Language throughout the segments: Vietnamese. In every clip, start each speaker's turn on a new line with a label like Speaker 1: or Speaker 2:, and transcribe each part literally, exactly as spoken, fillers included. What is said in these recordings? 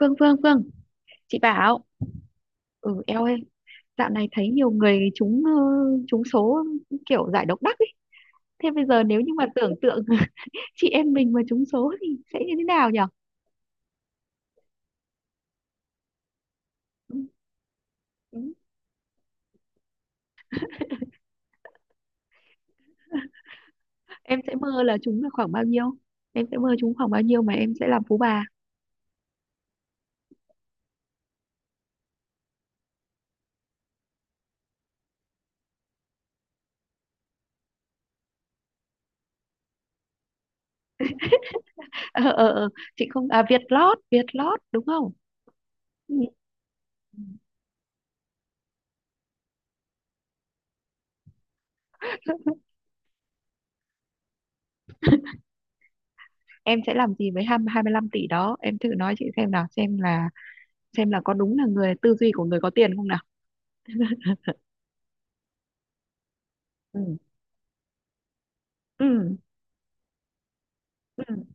Speaker 1: Phương Phương Phương, chị bảo. Ừ, eo ơi, dạo này thấy nhiều người trúng ờ, trúng số, kiểu giải độc đắc ấy. Thế bây giờ nếu như mà tưởng tượng chị em mình mà trúng số thì sẽ như thế nào nhở? Ừ, ừ. Em sẽ mơ là trúng là khoảng bao nhiêu, em sẽ mơ trúng khoảng bao nhiêu mà em sẽ làm phú bà. Ờ ờ ờ, chị không à? Việt Lót, Việt Lót đúng không? Ừ. Em sẽ làm gì với hai, hai mươi hai mươi lăm tỷ đó, em thử nói chị xem nào, xem là xem là có đúng là người tư duy của người có tiền không nào. Ừ, ừ, ừ,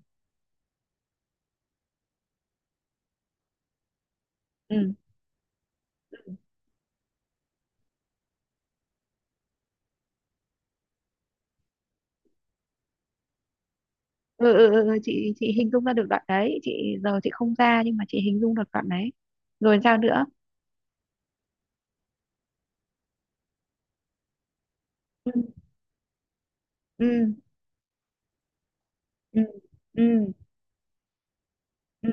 Speaker 1: ừ. Ừ, ừ, ừ, ừ, chị chị hình dung ra được đoạn đấy, chị giờ chị không ra nhưng mà chị hình dung được đoạn đấy. Rồi sao nữa? Ừ, ừ, ừ, ừ, ừ.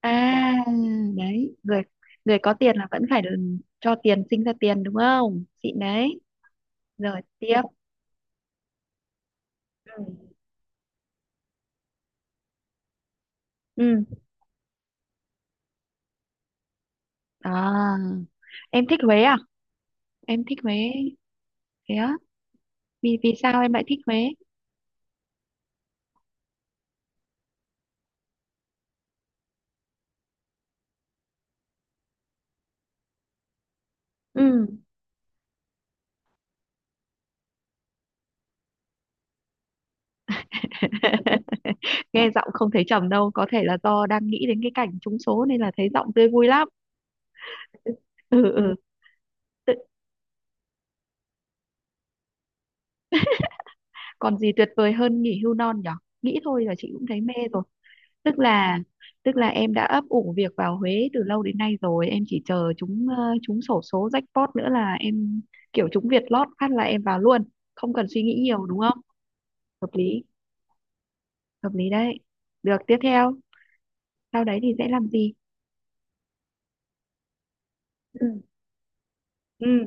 Speaker 1: À đấy, người người có tiền là vẫn phải được, cho tiền sinh ra tiền đúng không chị? Đấy, rồi tiếp. Ừ, ừ. À, em thích Huế à? Em thích Huế? Thế á? Vì vì sao em lại thích Huế? Ừ. Nghe giọng không thấy trầm đâu, có thể là do đang nghĩ đến cái cảnh trúng số nên là thấy giọng tươi vui lắm. Ừ, ừ. Tự- còn gì tuyệt vời hơn nghỉ hưu non nhở, nghĩ thôi là chị cũng thấy mê rồi. Tức là tức là em đã ấp ủ việc vào Huế từ lâu đến nay rồi, em chỉ chờ chúng ờ, chúng xổ số jackpot nữa là em kiểu chúng Việt lót phát là em vào luôn, không cần suy nghĩ nhiều đúng không? Hợp lý, hợp lý đấy. Được, tiếp theo sau đấy thì sẽ làm gì? Ừ, ừ,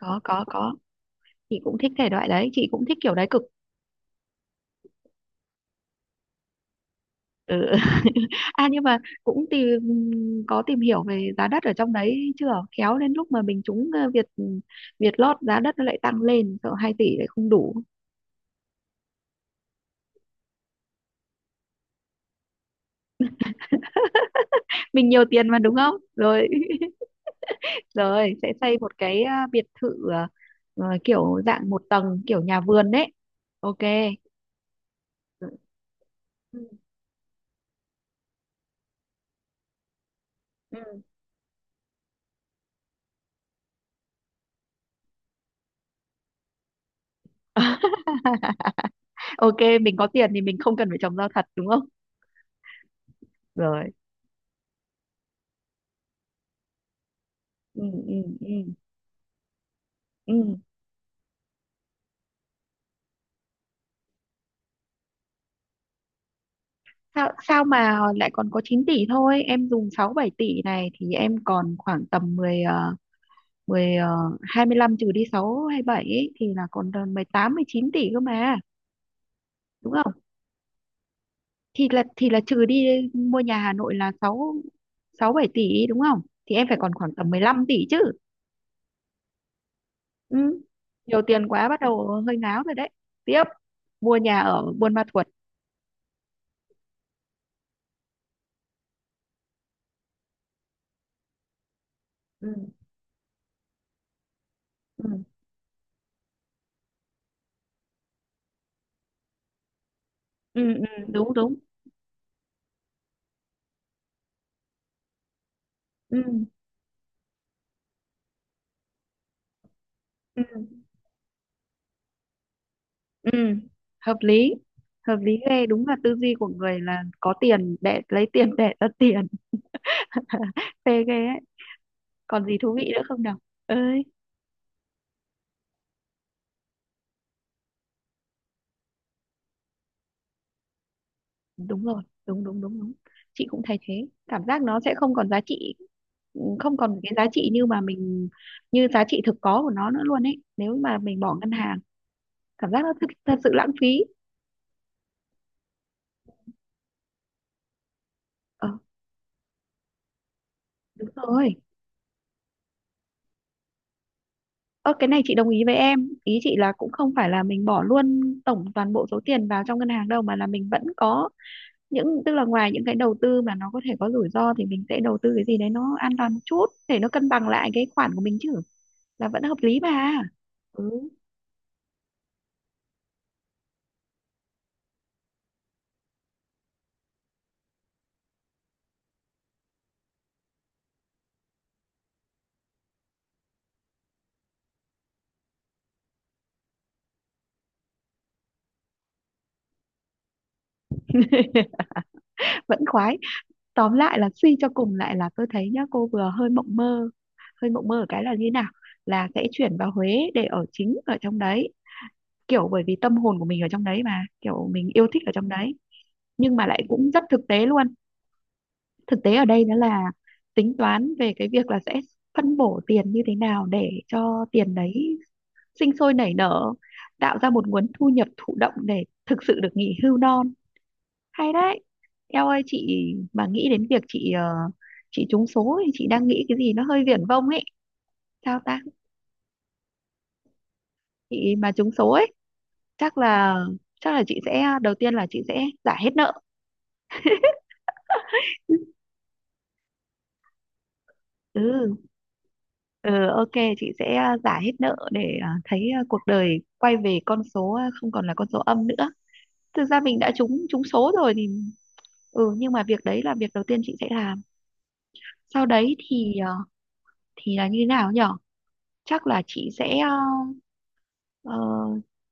Speaker 1: có có có chị cũng thích thể loại đấy, chị cũng thích kiểu đấy cực. Ừ. À nhưng mà cũng tìm, có tìm hiểu về giá đất ở trong đấy chưa? Khéo đến lúc mà mình trúng ờ, Việt Việt lót, giá đất nó lại tăng lên, sợ hai tỷ lại không đủ. Mình nhiều tiền mà đúng không? Rồi, rồi sẽ xây một cái ờ, biệt thự, ờ, ờ, kiểu dạng một tầng, kiểu nhà vườn đấy. Ok. Ừ. Ừ. Ừ. Ok, mình có tiền thì mình không cần phải trồng rau thật đúng không? Rồi. Ừ ừ. Ừ. Ừ. Sao sao mà lại còn có chín tỷ thôi, em dùng sáu bảy tỷ này thì em còn khoảng tầm mười ờ, mười ờ, hai mươi lăm trừ đi sáu hay bảy ấy, thì là còn tầm mười tám mười chín tỷ cơ mà, đúng không? Thì là thì là trừ đi, mua nhà Hà Nội là sáu sáu bảy tỷ đúng không, thì em phải còn khoảng tầm mười lăm tỷ chứ. Ừ. Nhiều tiền quá bắt đầu hơi ngáo rồi đấy. Tiếp, mua nhà ở Buôn Ma Thuột. Ừ. Ừ. Ừ. Ừ, đúng đúng. Ừ. Ừ. Ừ, hợp lý, hợp lý ghê, đúng là tư duy của người là có tiền để lấy tiền để ra tiền. Phê ghê ấy, còn gì thú vị nữa không nào? Ơi, đúng rồi, đúng đúng đúng đúng, chị cũng thấy thế, cảm giác nó sẽ không còn giá trị. Ừ, không còn cái giá trị như mà mình như giá trị thực có của nó nữa luôn ấy, nếu mà mình bỏ ngân hàng, cảm giác nó thực, thật sự lãng phí. Ờ, đúng rồi. Ơ cái này chị đồng ý với em ý, chị là cũng không phải là mình bỏ luôn tổng toàn bộ số tiền vào trong ngân hàng đâu, mà là mình vẫn có những, tức là ngoài những cái đầu tư mà nó có thể có rủi ro thì mình sẽ đầu tư cái gì đấy nó an toàn một chút để nó cân bằng lại cái khoản của mình chứ, là vẫn hợp lý mà. Ừ. Vẫn khoái. Tóm lại là suy cho cùng lại là tôi thấy nhá, cô vừa hơi mộng mơ, hơi mộng mơ ở cái là như thế nào, là sẽ chuyển vào Huế để ở chính ở trong đấy, kiểu bởi vì tâm hồn của mình ở trong đấy mà, kiểu mình yêu thích ở trong đấy. Nhưng mà lại cũng rất thực tế luôn, thực tế ở đây đó là tính toán về cái việc là sẽ phân bổ tiền như thế nào để cho tiền đấy sinh sôi nảy nở, tạo ra một nguồn thu nhập thụ động để thực sự được nghỉ hưu non. Hay đấy. Em ơi, chị mà nghĩ đến việc chị ờ, chị trúng số thì chị đang nghĩ cái gì nó hơi viển vông ấy, sao ta? Chị mà trúng số ấy, chắc là, chắc là chị sẽ, đầu tiên là chị sẽ giải hết nợ. Ừ. Ừ, ok, chị sẽ à, giả hết nợ để à, thấy à, cuộc đời quay về con số à, không còn là con số âm nữa. Thực ra mình đã trúng trúng số rồi thì ừ, nhưng mà việc đấy là việc đầu tiên chị sẽ làm. Sau đấy thì à, thì là như thế nào nhở? Chắc là chị sẽ à, ờ,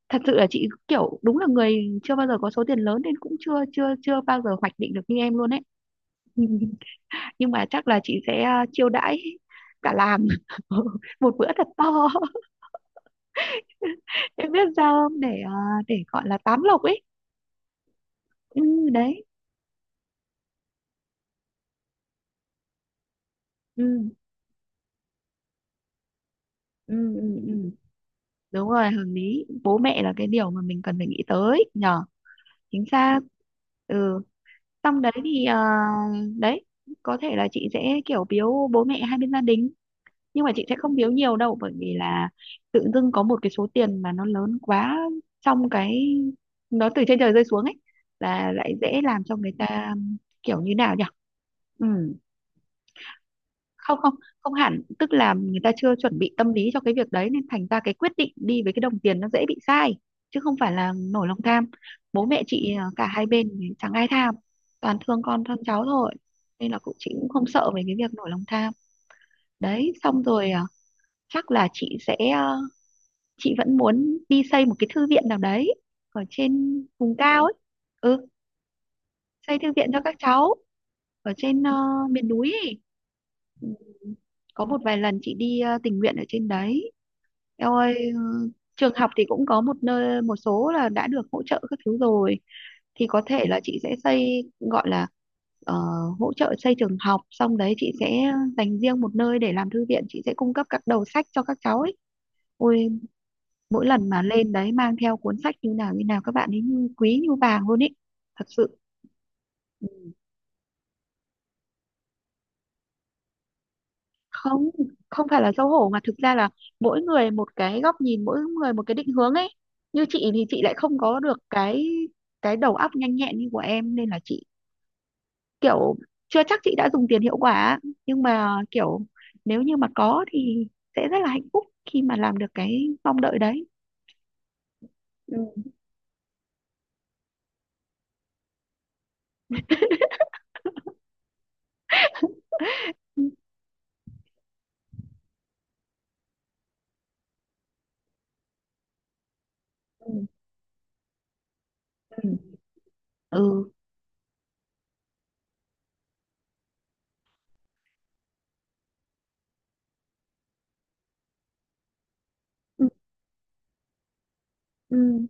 Speaker 1: thật sự là chị kiểu đúng là người chưa bao giờ có số tiền lớn nên cũng chưa chưa chưa bao giờ hoạch định được như em luôn ấy. Nhưng mà chắc là chị sẽ à, chiêu đãi cả làm một bữa thật to. Em biết sao không, để ờ, để gọi là tám lộc ấy. Ừ, đấy. Ừ, ừ, ừ, ừ. Đúng rồi, hợp lý, bố mẹ là cái điều mà mình cần phải nghĩ tới nhờ, chính xác. Ừ. Xong đấy thì ờ, đấy, có thể là chị sẽ kiểu biếu bố mẹ hai bên gia đình, nhưng mà chị sẽ không biếu nhiều đâu, bởi vì là tự dưng có một cái số tiền mà nó lớn quá, trong cái, nó từ trên trời rơi xuống ấy, là lại dễ làm cho người ta kiểu như nào nhỉ. Ừ, không, không, không hẳn, tức là người ta chưa chuẩn bị tâm lý cho cái việc đấy, nên thành ra cái quyết định đi với cái đồng tiền nó dễ bị sai, chứ không phải là nổi lòng tham. Bố mẹ chị à, cả hai bên thì chẳng ai tham, toàn thương con thương cháu thôi, nên là cũng chị cũng không sợ về cái việc nổi lòng tham. Đấy, xong rồi à, chắc là chị sẽ à, chị vẫn muốn đi xây một cái thư viện nào đấy ở trên vùng cao ấy. Ừ, xây thư viện cho các cháu ở trên ờ, miền núi ấy. Ừ, có một vài lần chị đi ờ, tình nguyện ở trên đấy. Eo ơi, ừ, trường học thì cũng có một nơi, một số là đã được hỗ trợ các thứ rồi, thì có thể là chị sẽ xây gọi là ờ, hỗ trợ xây trường học, xong đấy chị sẽ dành riêng một nơi để làm thư viện, chị sẽ cung cấp các đầu sách cho các cháu ấy. Ôi, mỗi lần mà lên đấy mang theo cuốn sách như nào như nào các bạn ấy như quý như vàng luôn ấy, thật sự. Không, không phải là xấu hổ, mà thực ra là mỗi người một cái góc nhìn, mỗi người một cái định hướng ấy. Như chị thì chị lại không có được cái cái đầu óc nhanh nhẹn như của em, nên là chị kiểu chưa chắc chị đã dùng tiền hiệu quả, nhưng mà kiểu nếu như mà có thì sẽ rất là hạnh phúc khi mà làm được cái mong đợi đấy. Ừ, ừ, ừ, ừ. Ừ, ừ.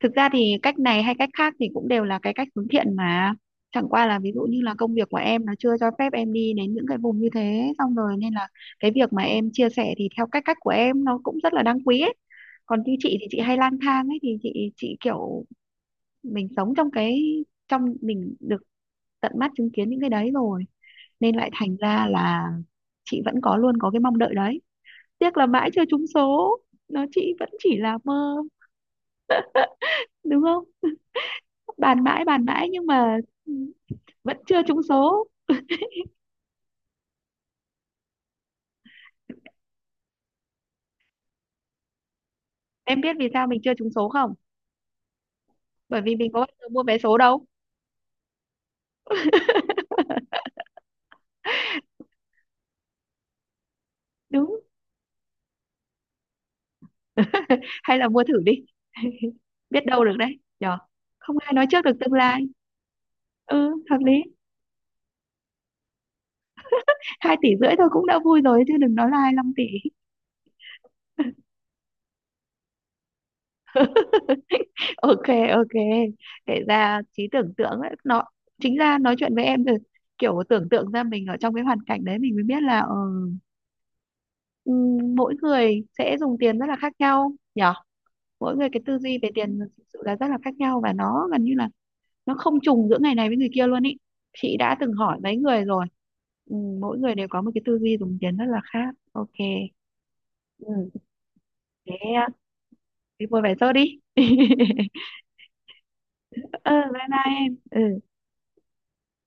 Speaker 1: Thực ra thì cách này hay cách khác thì cũng đều là cái cách hướng thiện mà, chẳng qua là ví dụ như là công việc của em nó chưa cho phép em đi đến những cái vùng như thế xong rồi, nên là cái việc mà em chia sẻ thì theo cách cách của em nó cũng rất là đáng quý ấy. Còn như chị thì chị hay lang thang ấy, thì chị chị kiểu mình sống trong cái, trong mình được tận mắt chứng kiến những cái đấy rồi, nên lại thành ra là chị vẫn có, luôn có cái mong đợi đấy. Tiếc là mãi chưa trúng số, nó chị vẫn chỉ là mơ, đúng không? Bàn mãi bàn mãi nhưng mà ừ, vẫn chưa trúng số. Em biết vì sao mình chưa trúng số không? Bởi vì mình có bao giờ mua vé số đâu. Đúng. Hay là mua thử đi. Biết đâu được đấy nhở, không ai nói trước được tương lai. Ừ, hợp lý. Hai tỷ rưỡi thôi cũng đã vui rồi, chứ đừng nói là hai năm tỷ. Ok, ok, kể ra trí tưởng tượng ấy, nó, chính ra nói chuyện với em rồi, kiểu tưởng tượng ra mình ở trong cái hoàn cảnh đấy mình mới biết là ờ, ừ, mỗi người sẽ dùng tiền rất là khác nhau nhỉ. Mỗi người cái tư duy về tiền thực sự là rất là khác nhau, và nó gần như là nó không trùng giữa ngày này với người kia luôn ý, chị đã từng hỏi mấy người rồi. Ừ, mỗi người đều có một cái tư duy dùng tiền rất là khác. Ok. Ừ, thế à, thế vui vẻ thôi đi. Ừ, bye bye em, ừ.